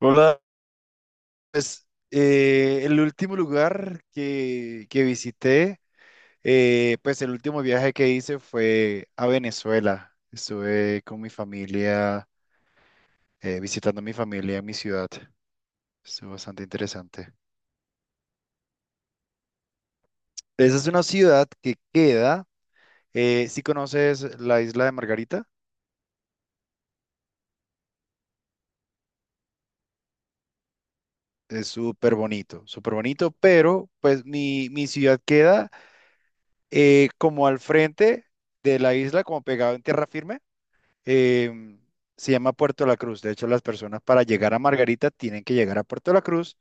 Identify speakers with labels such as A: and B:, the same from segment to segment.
A: Hola, pues, el último lugar que visité, pues el último viaje que hice fue a Venezuela. Estuve con mi familia, visitando a mi familia en mi ciudad. Estuvo bastante interesante. Esa es una ciudad que queda, si conoces la isla de Margarita, es súper bonito, pero pues mi ciudad queda como al frente de la isla, como pegado en tierra firme. eh, Se llama Puerto La Cruz. De hecho, las personas para llegar a Margarita tienen que llegar a Puerto La Cruz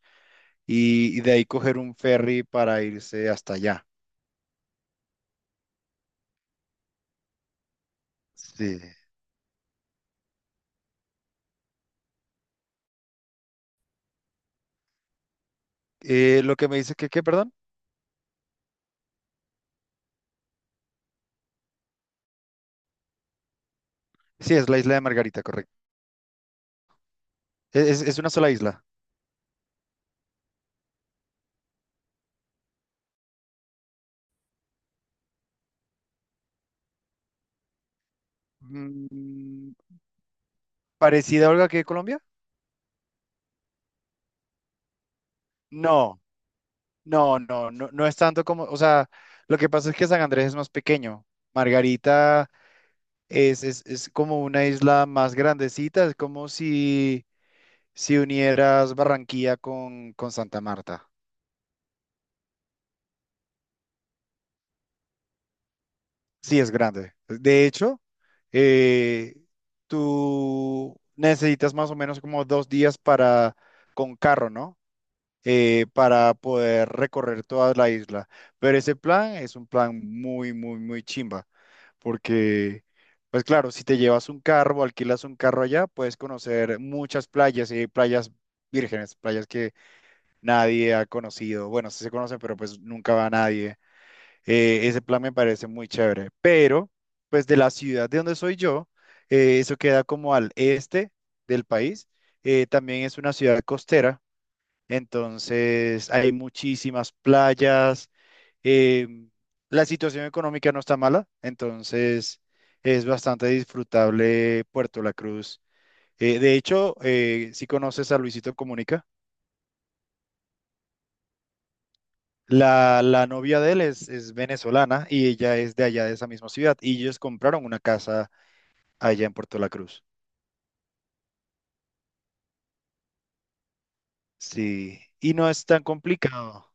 A: y de ahí coger un ferry para irse hasta allá. Sí. Lo que me dice que, ¿qué, perdón? Sí, es la isla de Margarita, correcto. Es una sola isla. Mm, ¿Parecida, a Olga, que Colombia? No, no, no, no, no es tanto como, o sea, lo que pasa es que San Andrés es más pequeño. Margarita es como una isla más grandecita, es como si unieras Barranquilla con Santa Marta. Sí, es grande. De hecho, eh, tú necesitas más o menos como 2 días para, con carro, ¿no? Para poder recorrer toda la isla. Pero ese plan es un plan muy, muy, muy chimba. Porque, pues claro, si te llevas un carro o alquilas un carro allá, puedes conocer muchas playas y playas vírgenes, playas nadie ha conocido. Bueno, sí se conocen, pero pues nunca va nadie. Ese plan me parece muy chévere. Pero, pues de la ciudad de donde soy yo, eso queda como al este del país. También es una ciudad costera, entonces hay muchísimas playas. eh, la situación económica no está mala, entonces es bastante disfrutable Puerto La Cruz. De hecho, ¿si conoces a Luisito Comunica? La novia de él es venezolana y ella es de allá de esa misma ciudad y ellos compraron una casa allá en Puerto La Cruz. Sí, y no es tan complicado.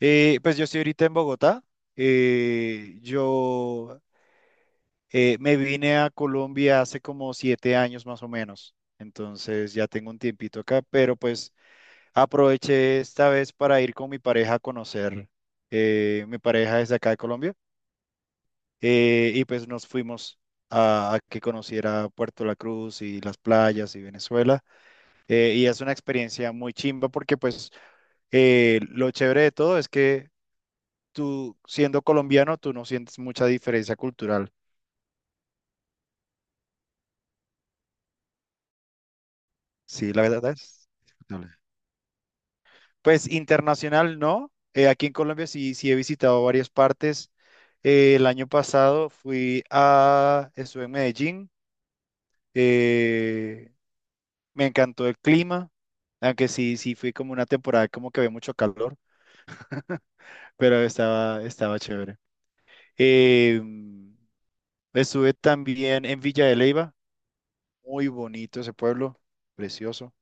A: Pues yo estoy ahorita en Bogotá. Yo me vine a Colombia hace como 7 años más o menos. Entonces ya tengo un tiempito acá, pero pues aproveché esta vez para ir con mi pareja a conocer. Mi pareja es de acá de Colombia. Y pues nos fuimos a que conociera Puerto La Cruz y las playas y Venezuela. Y es una experiencia muy chimba porque pues lo chévere de todo es que tú siendo colombiano, tú no sientes mucha diferencia cultural. Sí, la verdad es. Dale. Pues internacional no. Aquí en Colombia sí, sí he visitado varias partes. El año pasado estuve en Medellín. eh, Me encantó el clima, aunque sí, sí fui como una temporada como que había mucho calor, pero estaba chévere. Eh, Estuve también en Villa de Leyva, muy bonito ese pueblo, precioso.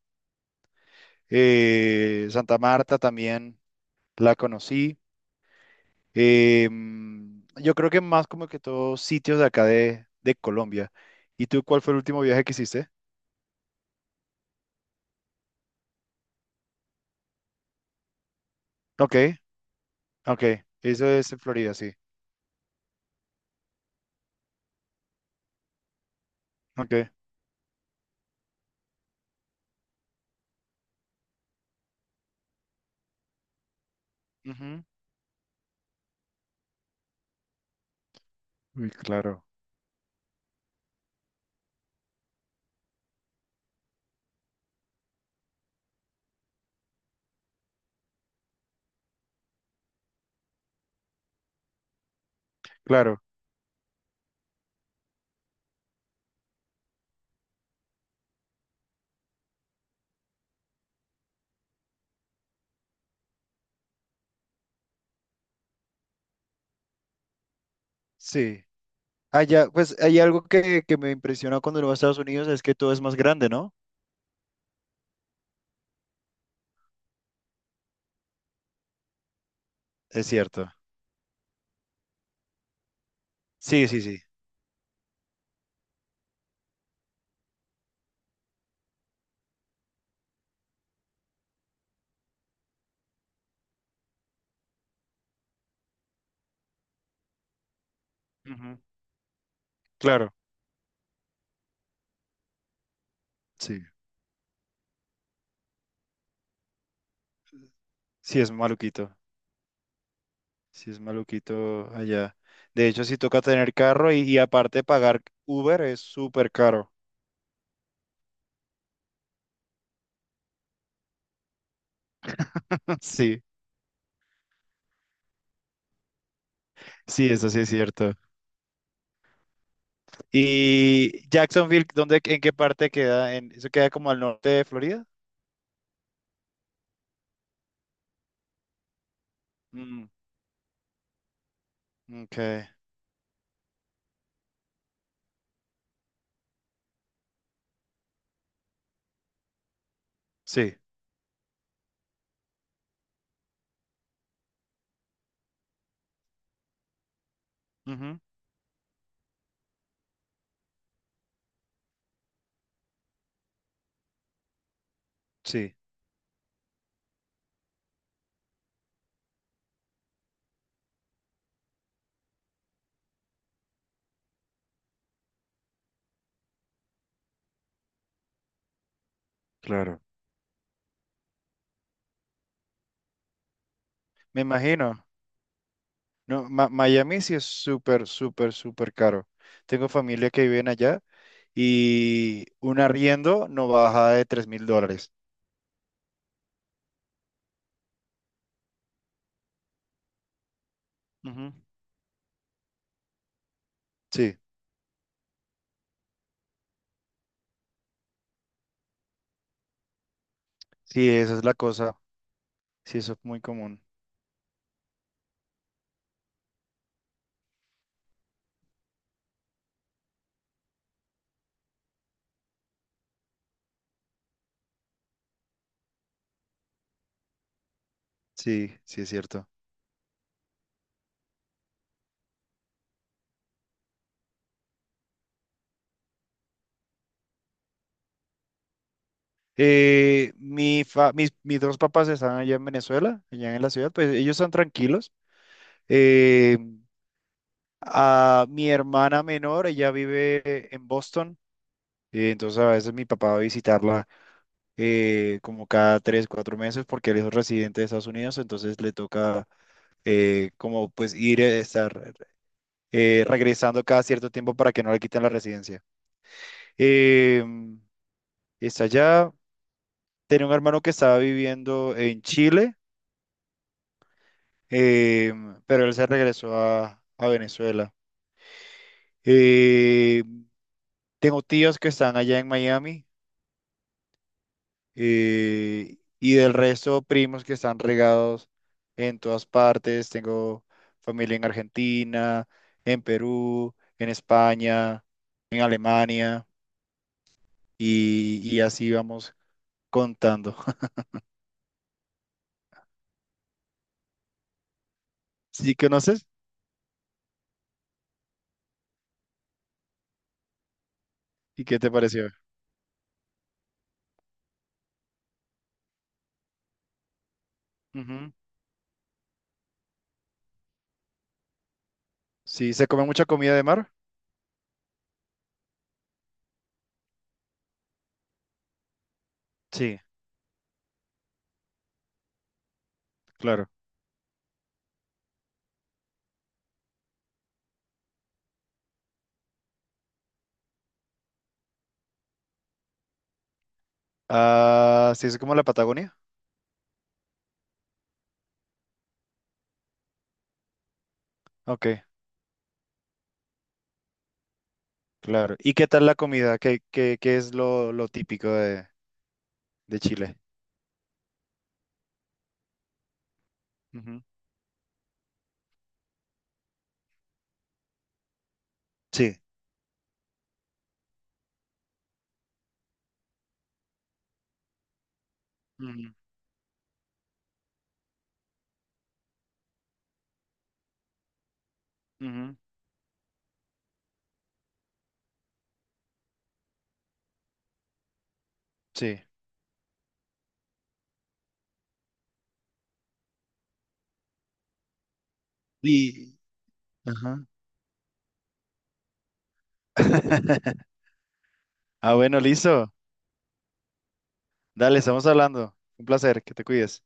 A: Santa Marta también la conocí. Eh, yo creo que más como que todos sitios de acá de Colombia. ¿Y tú cuál fue el último viaje que hiciste? Ok, ok, eso es en Florida, sí. Ok. Ujú. Uy, claro, claro, sí. Allá, pues hay algo que me impresiona cuando uno va a Estados Unidos es que todo es más grande, ¿no? Es cierto. Sí, sí, sí. Ujú, claro, sí. Sí, es maluquito. Sí, es maluquito allá. De hecho, sí toca tener carro y aparte pagar Uber es súper caro. Sí, sí, eso sí es cierto. ¿Y Jacksonville, dónde, en qué parte queda? Eso queda como al norte de Florida? Mm, ok, sí. Ujú, sí, claro. Me imagino. No, Miami sí es súper, súper, súper caro. Tengo familia que viven allá y un arriendo no baja de $3,000. Ujú. Sí, sí, esa es la cosa. Sí, eso es muy común. Sí, sí, es cierto. Mis dos papás están allá en Venezuela, allá en la ciudad, pues ellos están tranquilos. Eh, a mi hermana menor, ella vive en Boston, entonces a veces mi papá va a visitarla como cada 3, 4 meses, porque él es residente de Estados Unidos, entonces le toca como pues ir, estar regresando cada cierto tiempo para que no le quiten la residencia. Eh, Está allá, tenía un hermano que estaba viviendo en Chile, eh, pero él se regresó a Venezuela. Eh, Tengo tíos que están allá en Miami. Y del resto, primos que están regados en todas partes. Tengo familia en Argentina, en Perú, en España, en Alemania, y así vamos contando. ¿Sí conoces? ¿Y qué te pareció? Ujú. Sí, ¿se come mucha comida de mar? Sí, claro. Ah, sí, es como la Patagonia. Ok, claro. ¿Y qué tal la comida? ¿Qué es lo típico de Chile? Ujú. Sí. Ujú, ujú. Sí. Y, ajá. Ah, bueno, listo. Dale, estamos hablando. Un placer, que te cuides.